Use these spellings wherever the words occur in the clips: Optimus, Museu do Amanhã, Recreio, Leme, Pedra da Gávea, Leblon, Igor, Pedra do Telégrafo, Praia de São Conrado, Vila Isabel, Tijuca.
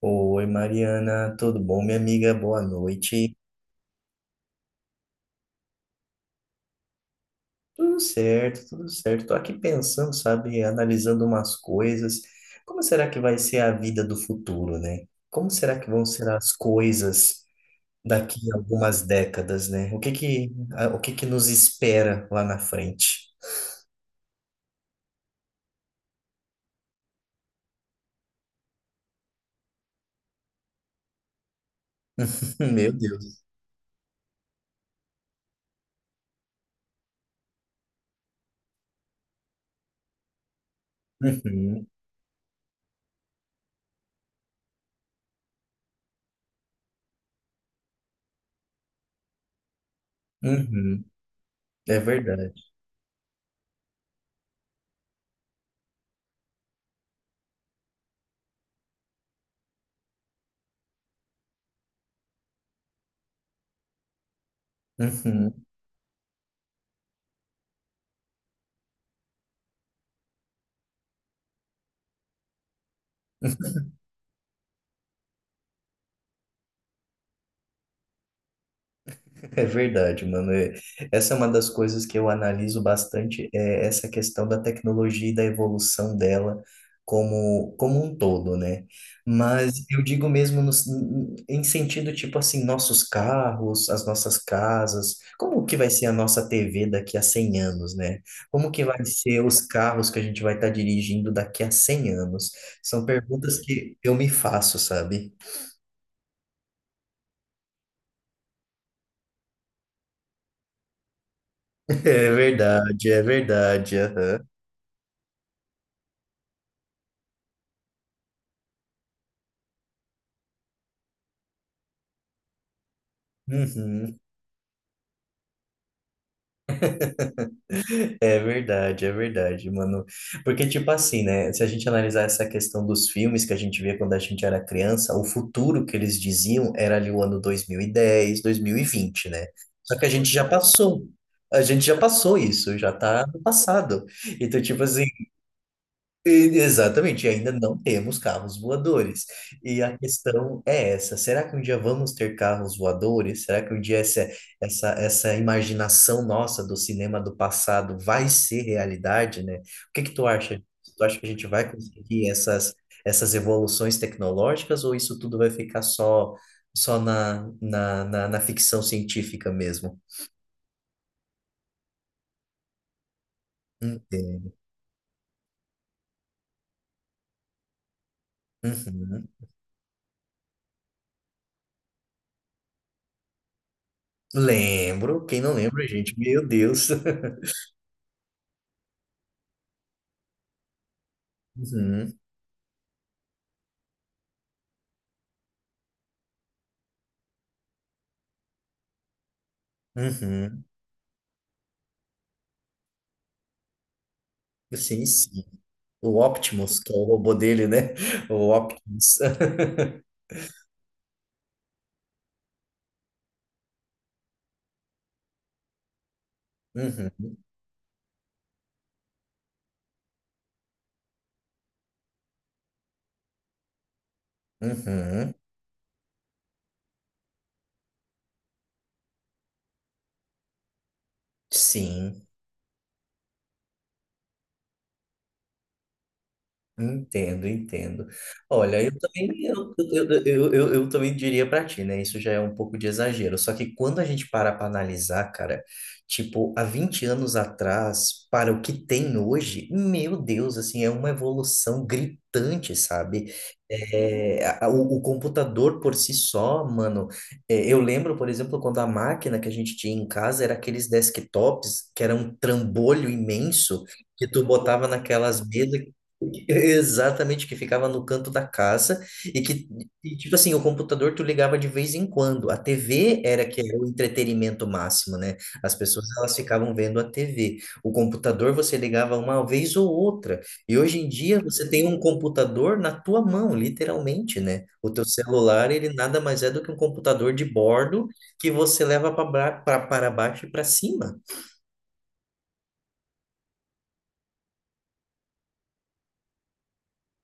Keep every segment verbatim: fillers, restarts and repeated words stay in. Oi, Mariana, tudo bom, minha amiga? Boa noite. Tudo certo, tudo certo. Tô aqui pensando, sabe, analisando umas coisas. Como será que vai ser a vida do futuro, né? Como será que vão ser as coisas daqui a algumas décadas, né? O que que, a- o que que nos espera lá na frente? Meu Deus. Uhum, uhum. É verdade. Uhum. É verdade, mano. É- Essa é uma das coisas que eu analiso bastante, é essa questão da tecnologia e da evolução dela como, como um todo, né? Mas eu digo mesmo no, em sentido tipo assim, nossos carros, as nossas casas, como que vai ser a nossa tê vê daqui a cem anos, né? Como que vai ser os carros que a gente vai estar dirigindo daqui a cem anos? São perguntas que eu me faço, sabe? É verdade, é verdade. Aham. Uhum. É verdade, é verdade, mano. Porque, tipo assim, né? Se a gente analisar essa questão dos filmes que a gente via quando a gente era criança, o futuro que eles diziam era ali o ano dois dois mil mil e dez, dois mil e vinte, né? Só que a gente já passou. A gente já passou isso, já tá no passado. Então, tipo assim, e- Exatamente, e ainda não temos carros voadores. E a questão é essa: será que um dia vamos ter carros voadores? Será que um dia essa, essa, essa imaginação nossa do cinema do passado vai ser realidade, né? O que que tu acha? Tu acha que a gente vai conseguir essas, essas evoluções tecnológicas ou isso tudo vai ficar só, só na, na, na, na ficção científica mesmo? Entendo. Uhum. Lembro, quem não lembra, gente? Meu Deus. Uhum, uhum. Sim, sim. O Optimus, que é o robô dele, né? O Optimus. Uhum, uhum. Sim. Entendo, entendo. Olha, eu também, eu, eu, eu, eu- eu também diria pra ti, né? Isso já é um pouco de exagero. Só que quando a gente para pra analisar, cara, tipo, há vinte anos atrás, para o que tem hoje, meu Deus, assim, é uma evolução gritante, sabe? É, a- a- o, o computador por si só, mano. É, eu lembro, por exemplo, quando a máquina que a gente tinha em casa era aqueles desktops que era um trambolho imenso que tu botava naquelas mesas. Exatamente, que ficava no canto da casa e que, e, tipo assim, o computador tu ligava de vez em quando. A tê vê era que era o entretenimento máximo, né? As pessoas elas ficavam vendo a tê vê. O computador você ligava uma vez ou outra. E hoje em dia você tem um computador na tua mão, literalmente, né? O teu celular, ele nada mais é do que um computador de bordo que você leva para para baixo e para cima.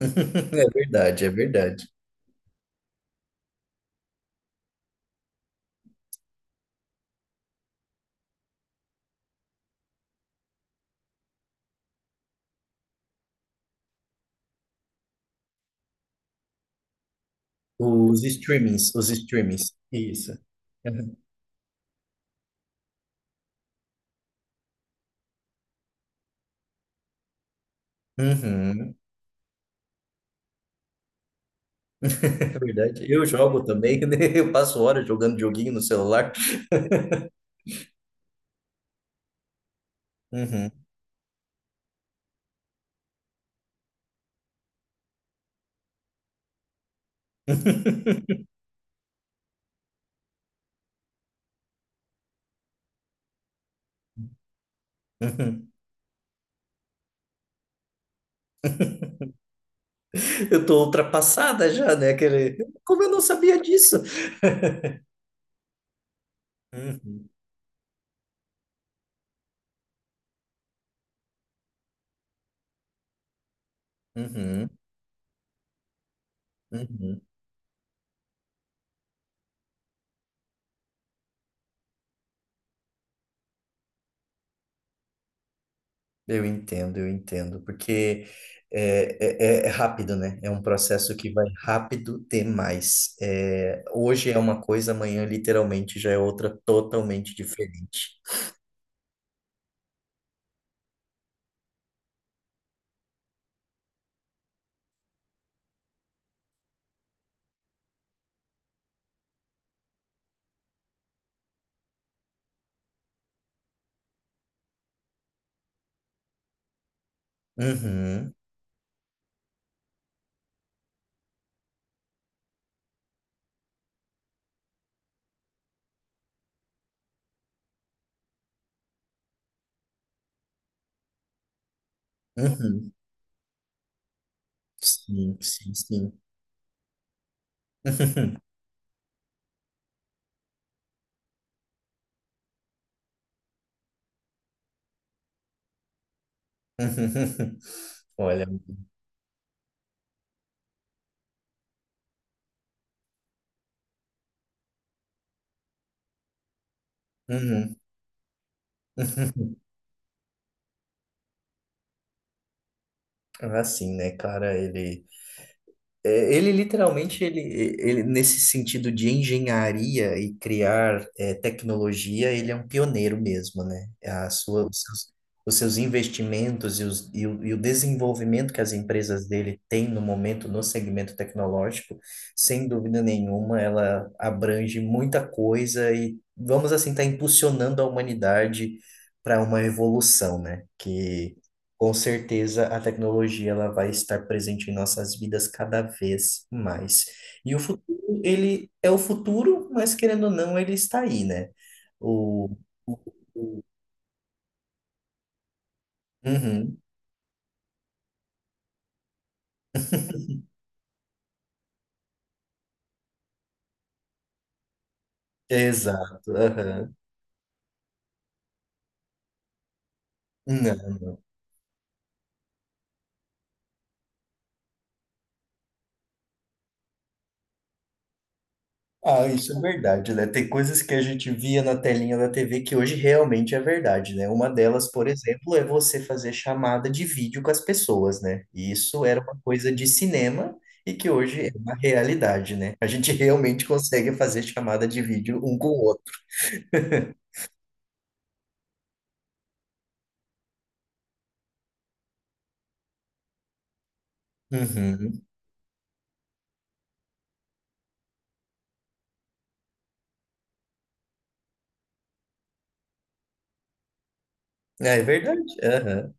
É verdade, é verdade. Os streamings, os streamings. Isso. Uhum. É verdade. Eu jogo também, né? Eu passo horas jogando joguinho no celular. Uhum. Uhum. Eu tô ultrapassada já, né? Aquele... Como eu não sabia disso? Uhum, uhum, uhum. Eu entendo, eu entendo, porque é, é, é é rápido, né? É um processo que vai rápido demais. É, hoje é uma coisa, amanhã literalmente já é outra totalmente diferente. Uhum, uhum. Sim, sim, sim. Olha, uhum. Assim, né, cara, ele. É, Ele literalmente ele, ele nesse sentido de engenharia e criar é, tecnologia, ele é um pioneiro mesmo, né? A sua, os seus, os seus investimentos e, os, e, o, e o desenvolvimento que as empresas dele têm no momento no segmento tecnológico, sem dúvida nenhuma, ela abrange muita coisa e vamos assim estar impulsionando a humanidade para uma evolução, né? Que com certeza a tecnologia ela vai estar presente em nossas vidas cada vez mais. E o futuro, ele é o futuro, mas querendo ou não, ele está aí, né? O... o- Uhum, exato. Aham. Não. Ah, isso é verdade, né? Tem coisas que a gente via na telinha da tê vê que hoje realmente é verdade, né? Uma delas, por exemplo, é você fazer chamada de vídeo com as pessoas, né? E isso era uma coisa de cinema e que hoje é uma realidade, né? A gente realmente consegue fazer chamada de vídeo um com o outro. Uhum. É é verdade. Aham.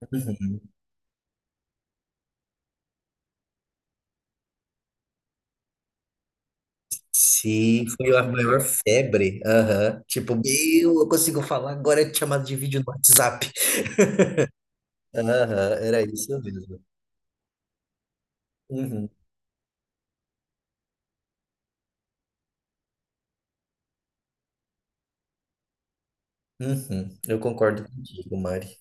Uhum. Sim, foi a maior febre. Aham. Tipo, meu, eu consigo falar agora de chamada de vídeo no WhatsApp. Aham, era isso mesmo. Uhum. Uhum, eu concordo contigo, Mari.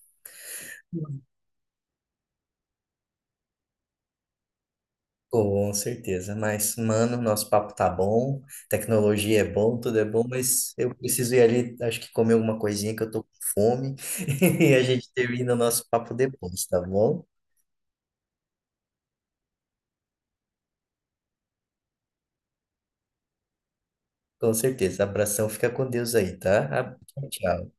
Com certeza. Mas, mano, nosso papo tá bom, tecnologia é bom, tudo é bom, mas eu preciso ir ali, acho que comer alguma coisinha que eu tô com fome. E a gente termina o nosso papo depois, tá bom? Com certeza. Abração, fica com Deus aí, tá? Ab- Tchau.